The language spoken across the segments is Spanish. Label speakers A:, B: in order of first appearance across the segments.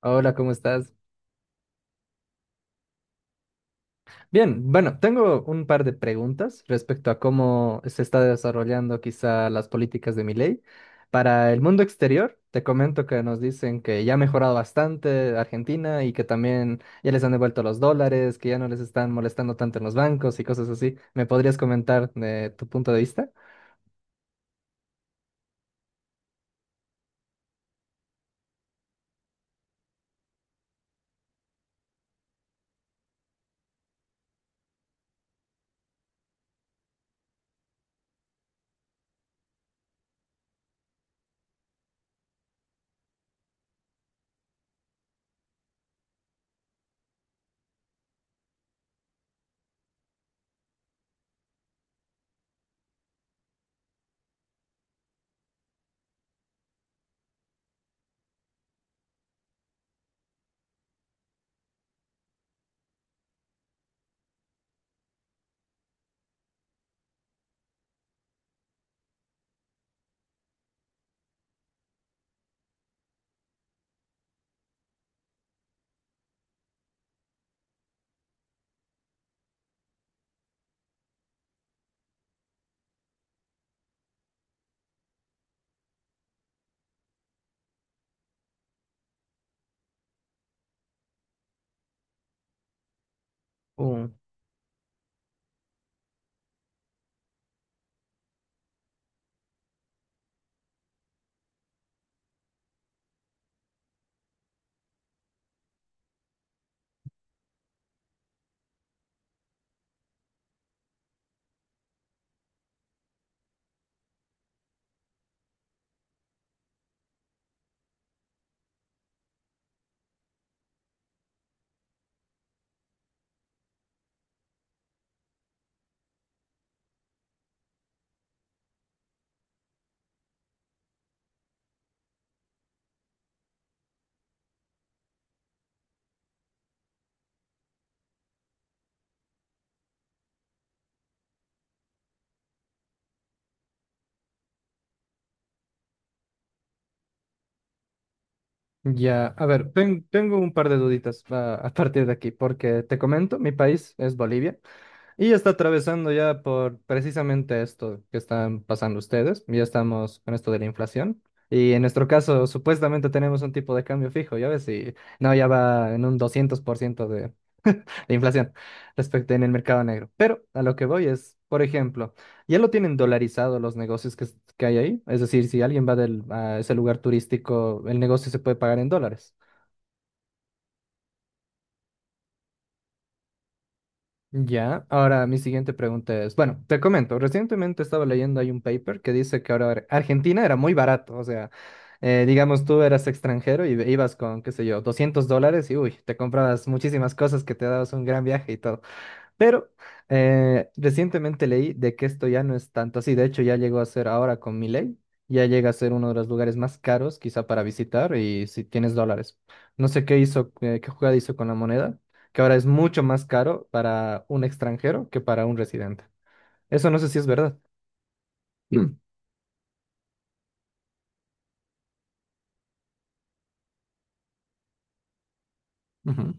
A: Hola, ¿cómo estás? Bien, bueno, tengo un par de preguntas respecto a cómo se está desarrollando quizá las políticas de mi ley. Para el mundo exterior, te comento que nos dicen que ya ha mejorado bastante Argentina y que también ya les han devuelto los dólares, que ya no les están molestando tanto en los bancos y cosas así. ¿Me podrías comentar de tu punto de vista? Uh, ya, a ver, tengo un par de duditas, a partir de aquí, porque te comento, mi país es Bolivia. Y está atravesando ya por precisamente esto que están pasando ustedes. Ya estamos con esto de la inflación. Y en nuestro caso, supuestamente tenemos un tipo de cambio fijo, ya ves, y no, ya va en un 200% de inflación respecto en el mercado negro. Pero a lo que voy es, por ejemplo, ya lo tienen dolarizado los negocios que, que hay ahí. Es decir, si alguien va a ese lugar turístico, el negocio se puede pagar en dólares. Ya, ahora mi siguiente pregunta es, bueno, te comento, recientemente estaba leyendo hay un paper que dice que ahora Argentina era muy barato, o sea, digamos tú eras extranjero y ibas con, qué sé yo, $200 y uy, te comprabas muchísimas cosas que te dabas un gran viaje y todo. Pero recientemente leí de que esto ya no es tanto así. De hecho, ya llegó a ser ahora con Milei, ya llega a ser uno de los lugares más caros quizá para visitar y si tienes dólares. No sé qué hizo, qué jugada hizo con la moneda, que ahora es mucho más caro para un extranjero que para un residente. Eso no sé si es verdad. Ujú.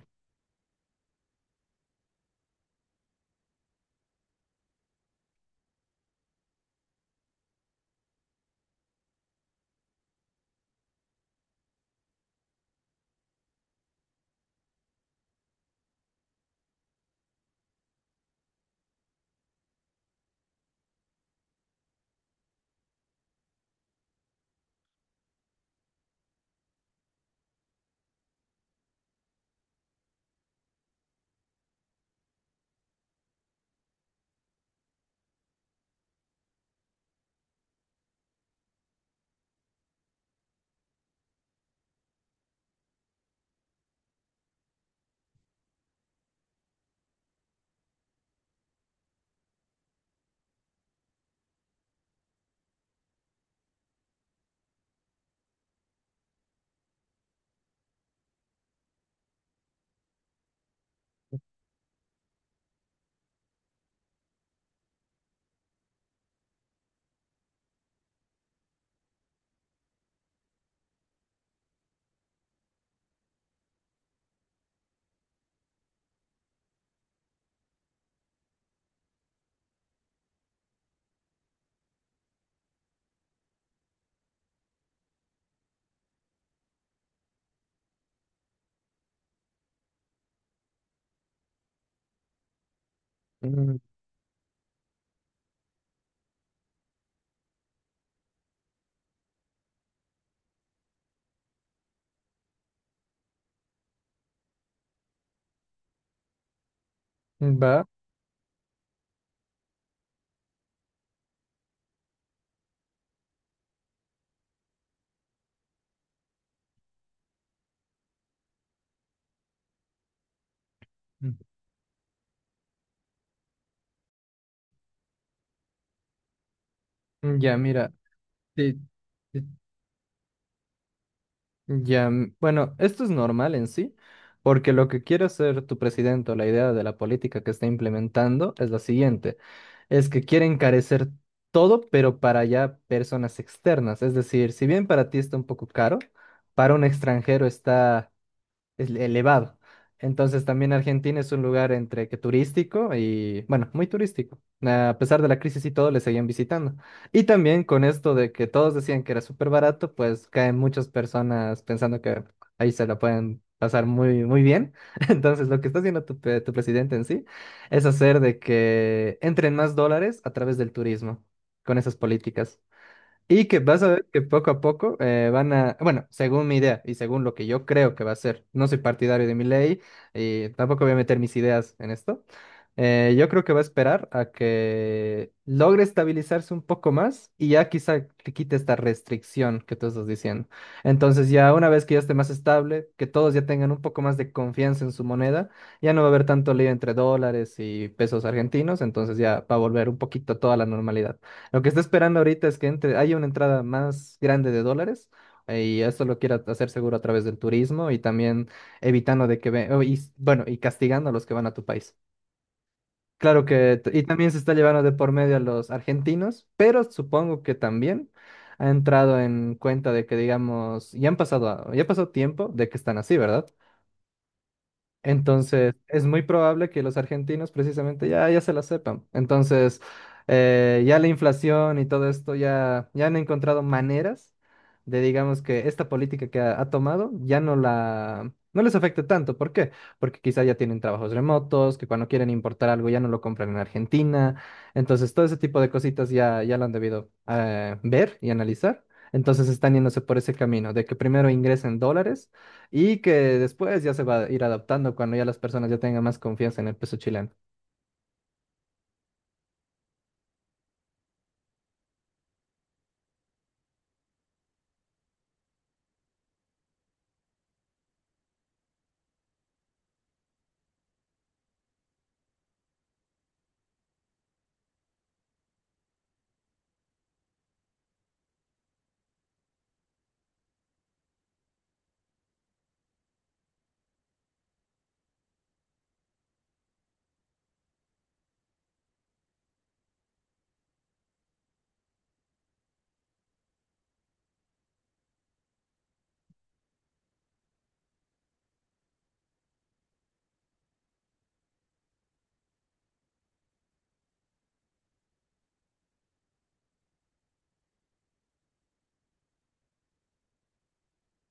A: Mm. Va. Mm, ya, mira, te, ya, bueno, esto es normal en sí, porque lo que quiere hacer tu presidente o la idea de la política que está implementando es la siguiente, es que quiere encarecer todo, pero para ya personas externas, es decir, si bien para ti está un poco caro, para un extranjero está es elevado. Entonces también Argentina es un lugar entre que turístico y, bueno, muy turístico. A pesar de la crisis y todo, le seguían visitando. Y también con esto de que todos decían que era súper barato, pues caen muchas personas pensando que ahí se la pueden pasar muy, muy bien. Entonces lo que está haciendo tu presidente en sí es hacer de que entren más dólares a través del turismo con esas políticas. Y que vas a ver que poco a poco van a, bueno, según mi idea y según lo que yo creo que va a ser, no soy partidario de mi ley y tampoco voy a meter mis ideas en esto, yo creo que va a esperar a que logre estabilizarse un poco más y ya quizá que quite esta restricción que tú estás diciendo. Entonces ya una vez que ya esté más estable, que todos ya tengan un poco más de confianza en su moneda, ya no va a haber tanto lío entre dólares y pesos argentinos, entonces ya va a volver un poquito toda la normalidad. Lo que está esperando ahorita es que entre, haya una entrada más grande de dólares. Y esto lo quiera hacer seguro a través del turismo y también evitando de que y, bueno, y castigando a los que van a tu país. Claro que, y también se está llevando de por medio a los argentinos, pero supongo que también ha entrado en cuenta de que, digamos, ya ha pasado tiempo de que están así, ¿verdad? Entonces, es muy probable que los argentinos precisamente ya se la sepan. Entonces, ya la inflación y todo esto ya han encontrado maneras de, digamos, que esta política que ha tomado ya no les afecte tanto. ¿Por qué? Porque quizá ya tienen trabajos remotos, que cuando quieren importar algo ya no lo compran en Argentina. Entonces, todo ese tipo de cositas ya lo han debido ver y analizar. Entonces, están yéndose por ese camino de que primero ingresen dólares y que después ya se va a ir adaptando cuando ya las personas ya tengan más confianza en el peso chileno.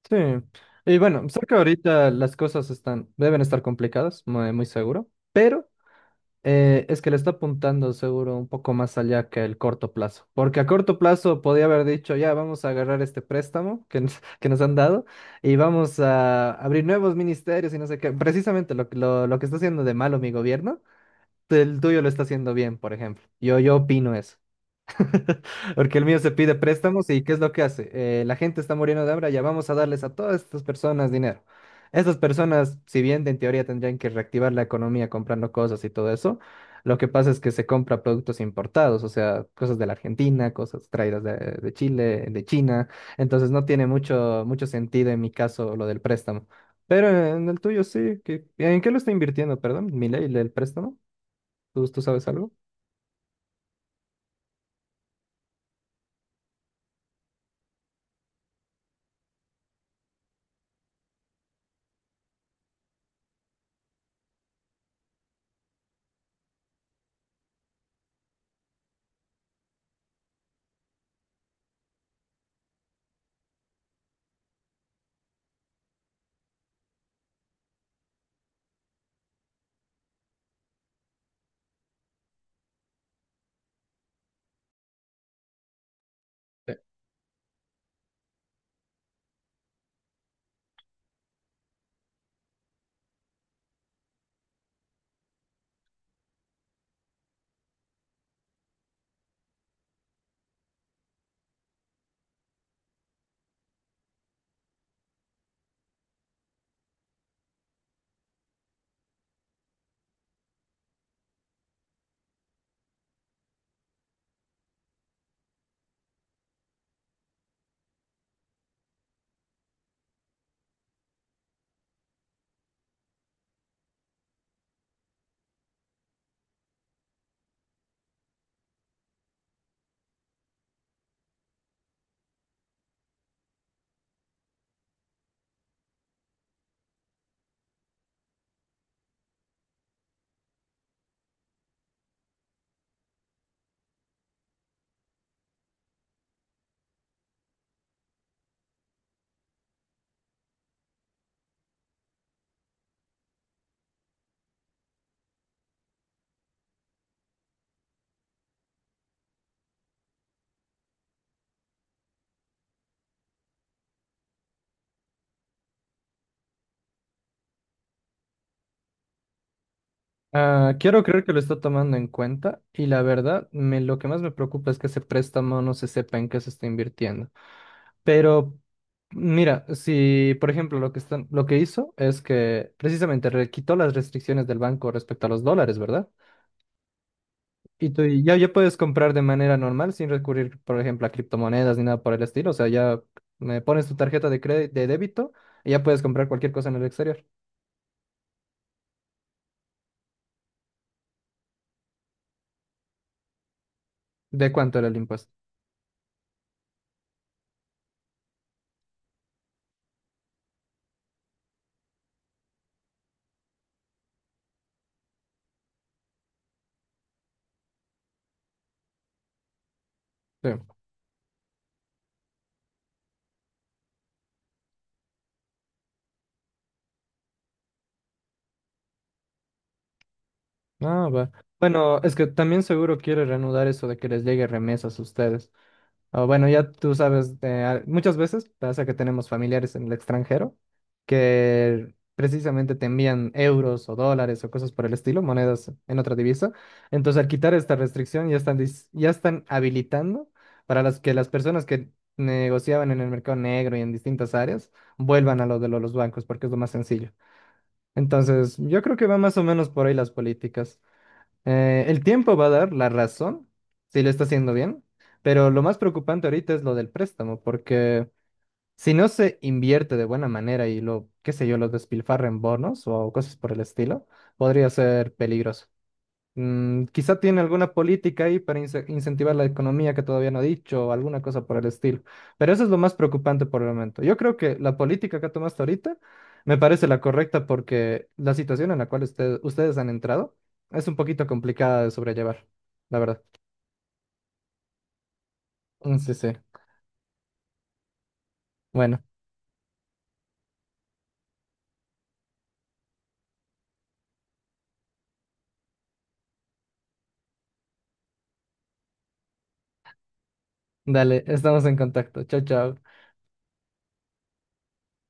A: Sí. Y bueno, sé que ahorita las cosas están, deben estar complicadas, muy, muy seguro, pero es que le está apuntando seguro un poco más allá que el corto plazo. Porque a corto plazo podía haber dicho, ya vamos a agarrar este préstamo que nos, que nos han dado y vamos a abrir nuevos ministerios y no sé qué. Precisamente lo que está haciendo de malo mi gobierno, el tuyo lo está haciendo bien, por ejemplo. Yo opino eso. Porque el mío se pide préstamos y ¿qué es lo que hace? La gente está muriendo de hambre, ya vamos a darles a todas estas personas dinero. Estas personas, si bien en teoría tendrían que reactivar la economía comprando cosas y todo eso, lo que pasa es que se compra productos importados, o sea, cosas de la Argentina, cosas traídas de Chile, de China. Entonces no tiene mucho, mucho sentido en mi caso lo del préstamo. Pero en el tuyo sí. ¿qué- ¿En qué lo está invirtiendo, perdón? ¿Milei, el préstamo? Tú sabes algo? Ah, quiero creer que lo está tomando en cuenta y la verdad, lo que más me preocupa es que ese préstamo no se sepa en qué se está invirtiendo. Pero mira, si por ejemplo lo que hizo es que precisamente quitó las restricciones del banco respecto a los dólares, ¿verdad? Y tú ya puedes comprar de manera normal sin recurrir, por ejemplo, a criptomonedas ni nada por el estilo. O sea, ya me pones tu tarjeta de crédito, de débito y ya puedes comprar cualquier cosa en el exterior. ¿De cuánto era el impuesto? Sí. Ah, va. Bueno, es que también seguro quiere reanudar eso de que les llegue remesas a ustedes. Ah, bueno, ya tú sabes, muchas veces pasa que tenemos familiares en el extranjero que precisamente te envían euros o dólares o cosas por el estilo, monedas en otra divisa. Entonces, al quitar esta restricción, ya están habilitando para las que las personas que negociaban en el mercado negro y en distintas áreas vuelvan a los bancos, porque es lo más sencillo. Entonces, yo creo que va más o menos por ahí las políticas. El tiempo va a dar la razón si lo está haciendo bien, pero lo más preocupante ahorita es lo del préstamo, porque si no se invierte de buena manera y lo, qué sé yo, lo despilfarra en bonos o cosas por el estilo, podría ser peligroso. Mm, quizá tiene alguna política ahí para incentivar la economía que todavía no ha dicho o alguna cosa por el estilo. Pero eso es lo más preocupante por el momento. Yo creo que la política que ha tomado hasta ahorita me parece la correcta porque la situación en la cual ustedes han entrado es un poquito complicada de sobrellevar, la verdad. Mm. Sí, sí. Bueno, dale, estamos en contacto. Chao, chao.